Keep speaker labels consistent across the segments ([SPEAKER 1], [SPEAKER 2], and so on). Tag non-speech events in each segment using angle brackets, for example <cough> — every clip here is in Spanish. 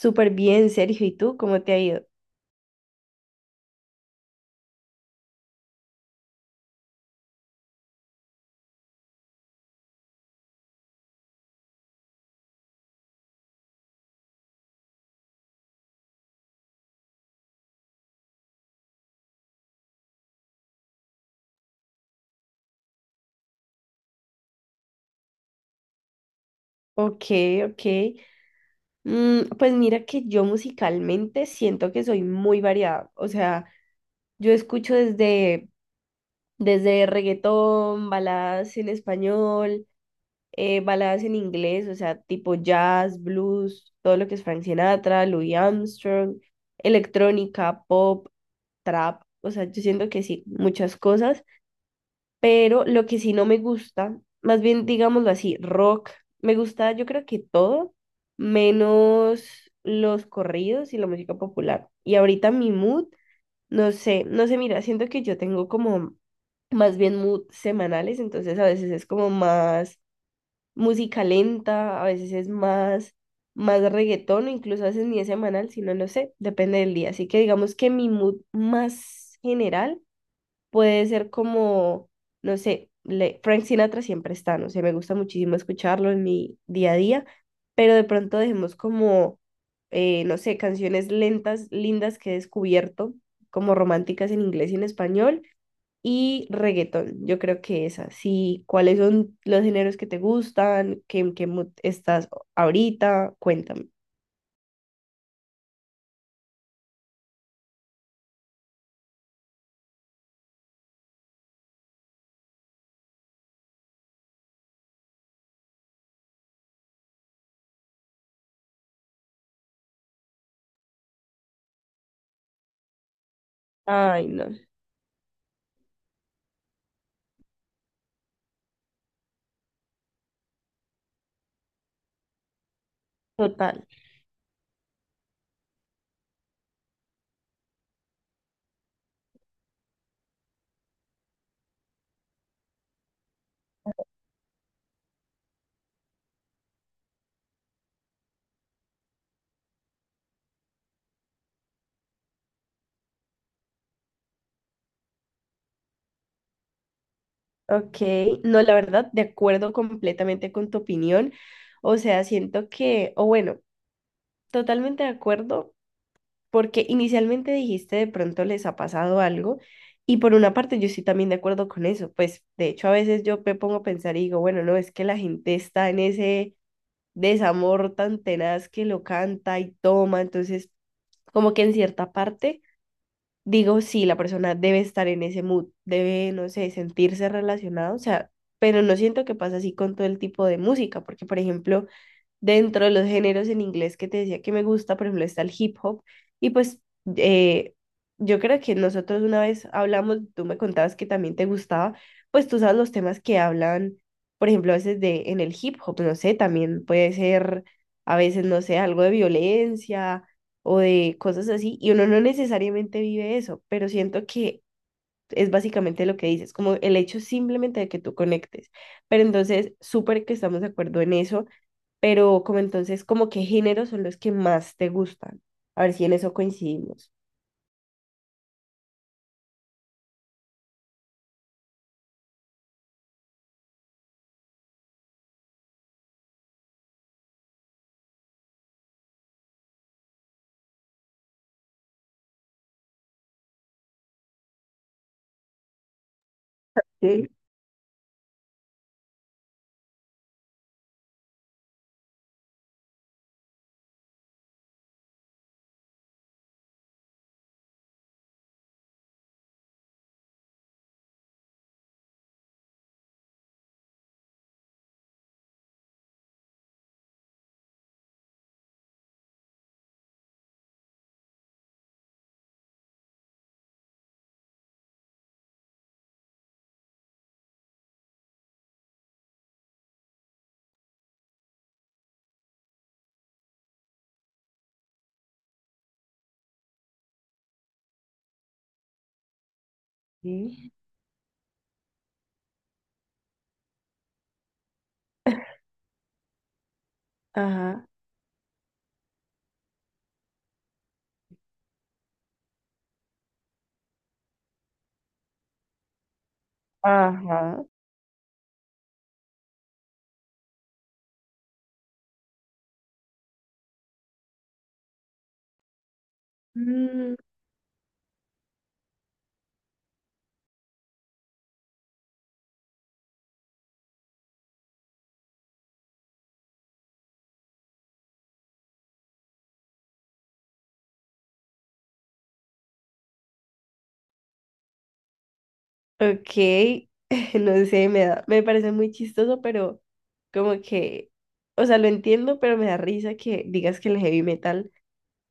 [SPEAKER 1] Súper bien, Sergio. ¿Y tú cómo te ha ido? Ok, ok. Pues mira que yo musicalmente siento que soy muy variada. O sea, yo escucho desde reggaetón, baladas en español, baladas en inglés, o sea, tipo jazz, blues, todo lo que es Frank Sinatra, Louis Armstrong, electrónica, pop, trap. O sea, yo siento que sí, muchas cosas. Pero lo que sí no me gusta, más bien digámoslo así, rock, me gusta yo creo que todo, menos los corridos y la música popular. Y ahorita mi mood, no sé, no sé, mira, siento que yo tengo como más bien mood semanales, entonces a veces es como más música lenta, a veces es más reggaetón, o incluso a veces ni es semanal, sino no sé, depende del día. Así que digamos que mi mood más general puede ser como, no sé, Frank Sinatra siempre está, no sé, me gusta muchísimo escucharlo en mi día a día, pero de pronto dejemos como, no sé, canciones lentas, lindas que he descubierto, como románticas en inglés y en español, y reggaetón, yo creo que esas, sí, ¿cuáles son los géneros que te gustan? ¿Qué, en qué mood estás ahorita? Cuéntame. Ay, no, total. Ok, no, la verdad, de acuerdo completamente con tu opinión. O sea, siento que, o bueno, totalmente de acuerdo, porque inicialmente dijiste de pronto les ha pasado algo, y por una parte yo estoy también de acuerdo con eso. Pues de hecho, a veces yo me pongo a pensar y digo, bueno, no, es que la gente está en ese desamor tan tenaz que lo canta y toma, entonces, como que en cierta parte digo, sí, la persona debe estar en ese mood, debe, no sé, sentirse relacionado, o sea, pero no siento que pasa así con todo el tipo de música, porque, por ejemplo, dentro de los géneros en inglés que te decía que me gusta, por ejemplo, está el hip hop. Y pues eh, yo creo que nosotros una vez hablamos, tú me contabas que también te gustaba, pues tú sabes los temas que hablan, por ejemplo, a veces de en el hip hop, no sé, también puede ser a veces, no sé, algo de violencia o de cosas así. Y uno no necesariamente vive eso, pero siento que es básicamente lo que dices, como el hecho simplemente de que tú conectes. Pero entonces, súper que estamos de acuerdo en eso, pero como entonces, como qué géneros son los que más te gustan. A ver si en eso coincidimos. Sí. Sí. Ajá, ajá. Mm, ok, <laughs> no sé, me da, me parece muy chistoso, pero como que, o sea, lo entiendo, pero me da risa que digas que el heavy metal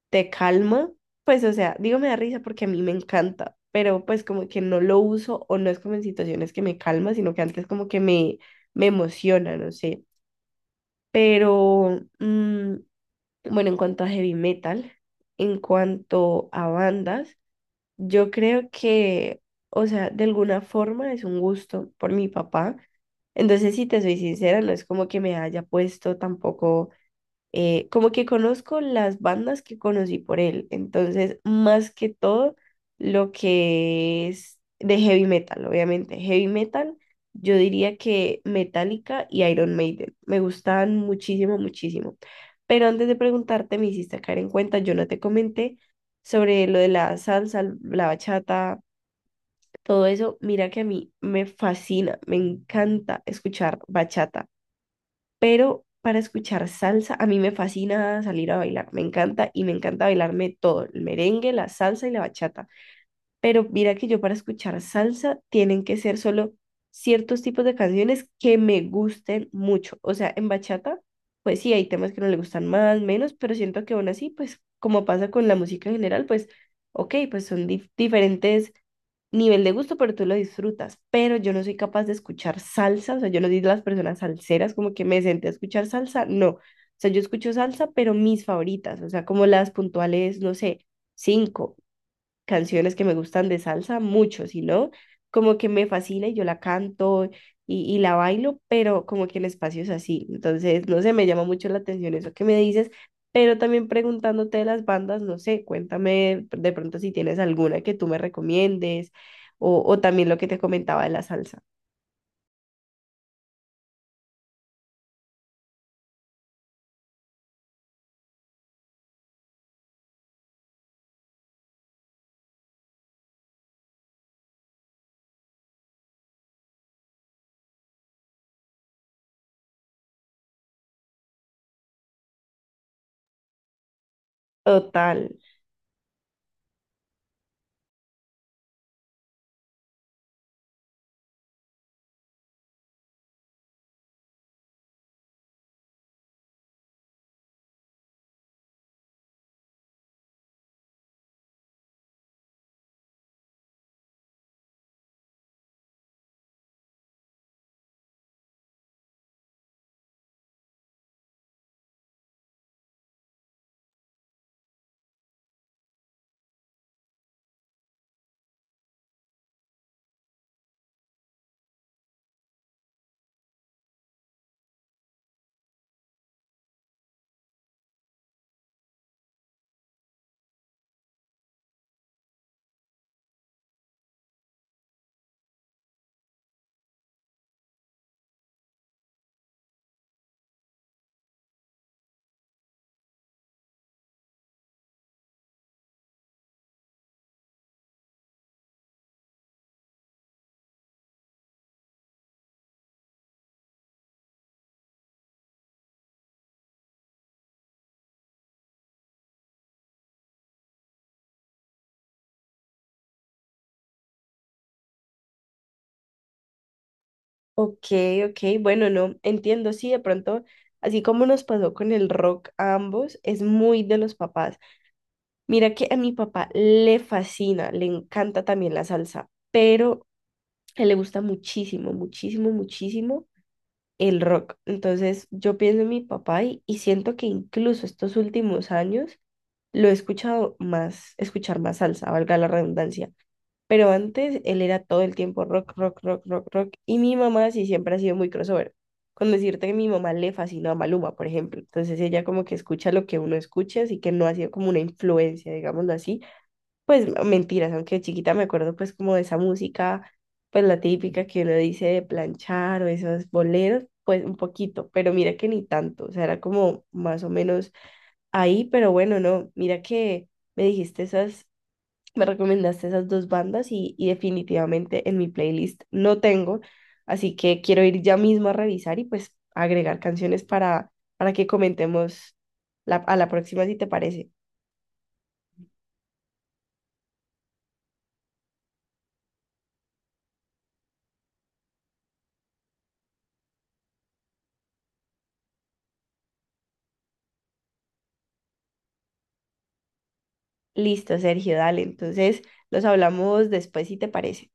[SPEAKER 1] te calma. Pues, o sea, digo me da risa porque a mí me encanta, pero pues como que no lo uso o no es como en situaciones que me calma, sino que antes como que me emociona, no sé. Pero, bueno, en cuanto a heavy metal, en cuanto a bandas, yo creo que, o sea, de alguna forma es un gusto por mi papá. Entonces, si te soy sincera, no es como que me haya puesto tampoco como que conozco las bandas que conocí por él, entonces más que todo lo que es de heavy metal, obviamente, heavy metal, yo diría que Metallica y Iron Maiden, me gustaban muchísimo, muchísimo. Pero antes de preguntarte, me hiciste caer en cuenta, yo no te comenté sobre lo de la salsa, la bachata, todo eso, mira que a mí me fascina, me encanta escuchar bachata, pero para escuchar salsa, a mí me fascina salir a bailar, me encanta y me encanta bailarme todo, el merengue, la salsa y la bachata. Pero mira que yo para escuchar salsa tienen que ser solo ciertos tipos de canciones que me gusten mucho. O sea, en bachata, pues sí, hay temas que no le gustan más, menos, pero siento que aún así, pues como pasa con la música en general, pues ok, pues son diferentes nivel de gusto, pero tú lo disfrutas. Pero yo no soy capaz de escuchar salsa, o sea, yo lo digo a las personas salseras, como que me senté a escuchar salsa, no. O sea, yo escucho salsa, pero mis favoritas, o sea, como las puntuales, no sé, cinco canciones que me gustan de salsa, mucho, sino como que me fascina y yo la canto y la bailo, pero como que en espacios así. Entonces, no sé, me llama mucho la atención eso que me dices, pero también preguntándote de las bandas, no sé, cuéntame de pronto si tienes alguna que tú me recomiendes o también lo que te comentaba de la salsa. Total. Ok, ok, bueno, no, entiendo, sí, de pronto, así como nos pasó con el rock a ambos, es muy de los papás. Mira que a mi papá le fascina, le encanta también la salsa, pero a él le gusta muchísimo, muchísimo, muchísimo el rock. Entonces yo pienso en mi papá y siento que incluso estos últimos años lo he escuchado más, escuchar más salsa, valga la redundancia. Pero antes él era todo el tiempo rock, rock, rock, rock, rock. Y mi mamá sí siempre ha sido muy crossover. Con decirte que mi mamá le fascina a Maluma, por ejemplo. Entonces ella como que escucha lo que uno escucha, así que no ha sido como una influencia, digámoslo así, pues mentiras, aunque de chiquita me acuerdo pues como de esa música, pues la típica que uno dice de planchar o esos boleros, pues un poquito, pero mira que ni tanto, o sea, era como más o menos ahí, pero bueno, no, mira que me dijiste esas, me recomendaste esas dos bandas y definitivamente en mi playlist no tengo, así que quiero ir ya mismo a revisar y pues agregar canciones para que comentemos la, a la próxima si te parece. Listo, Sergio, dale. Entonces, los hablamos después si te parece.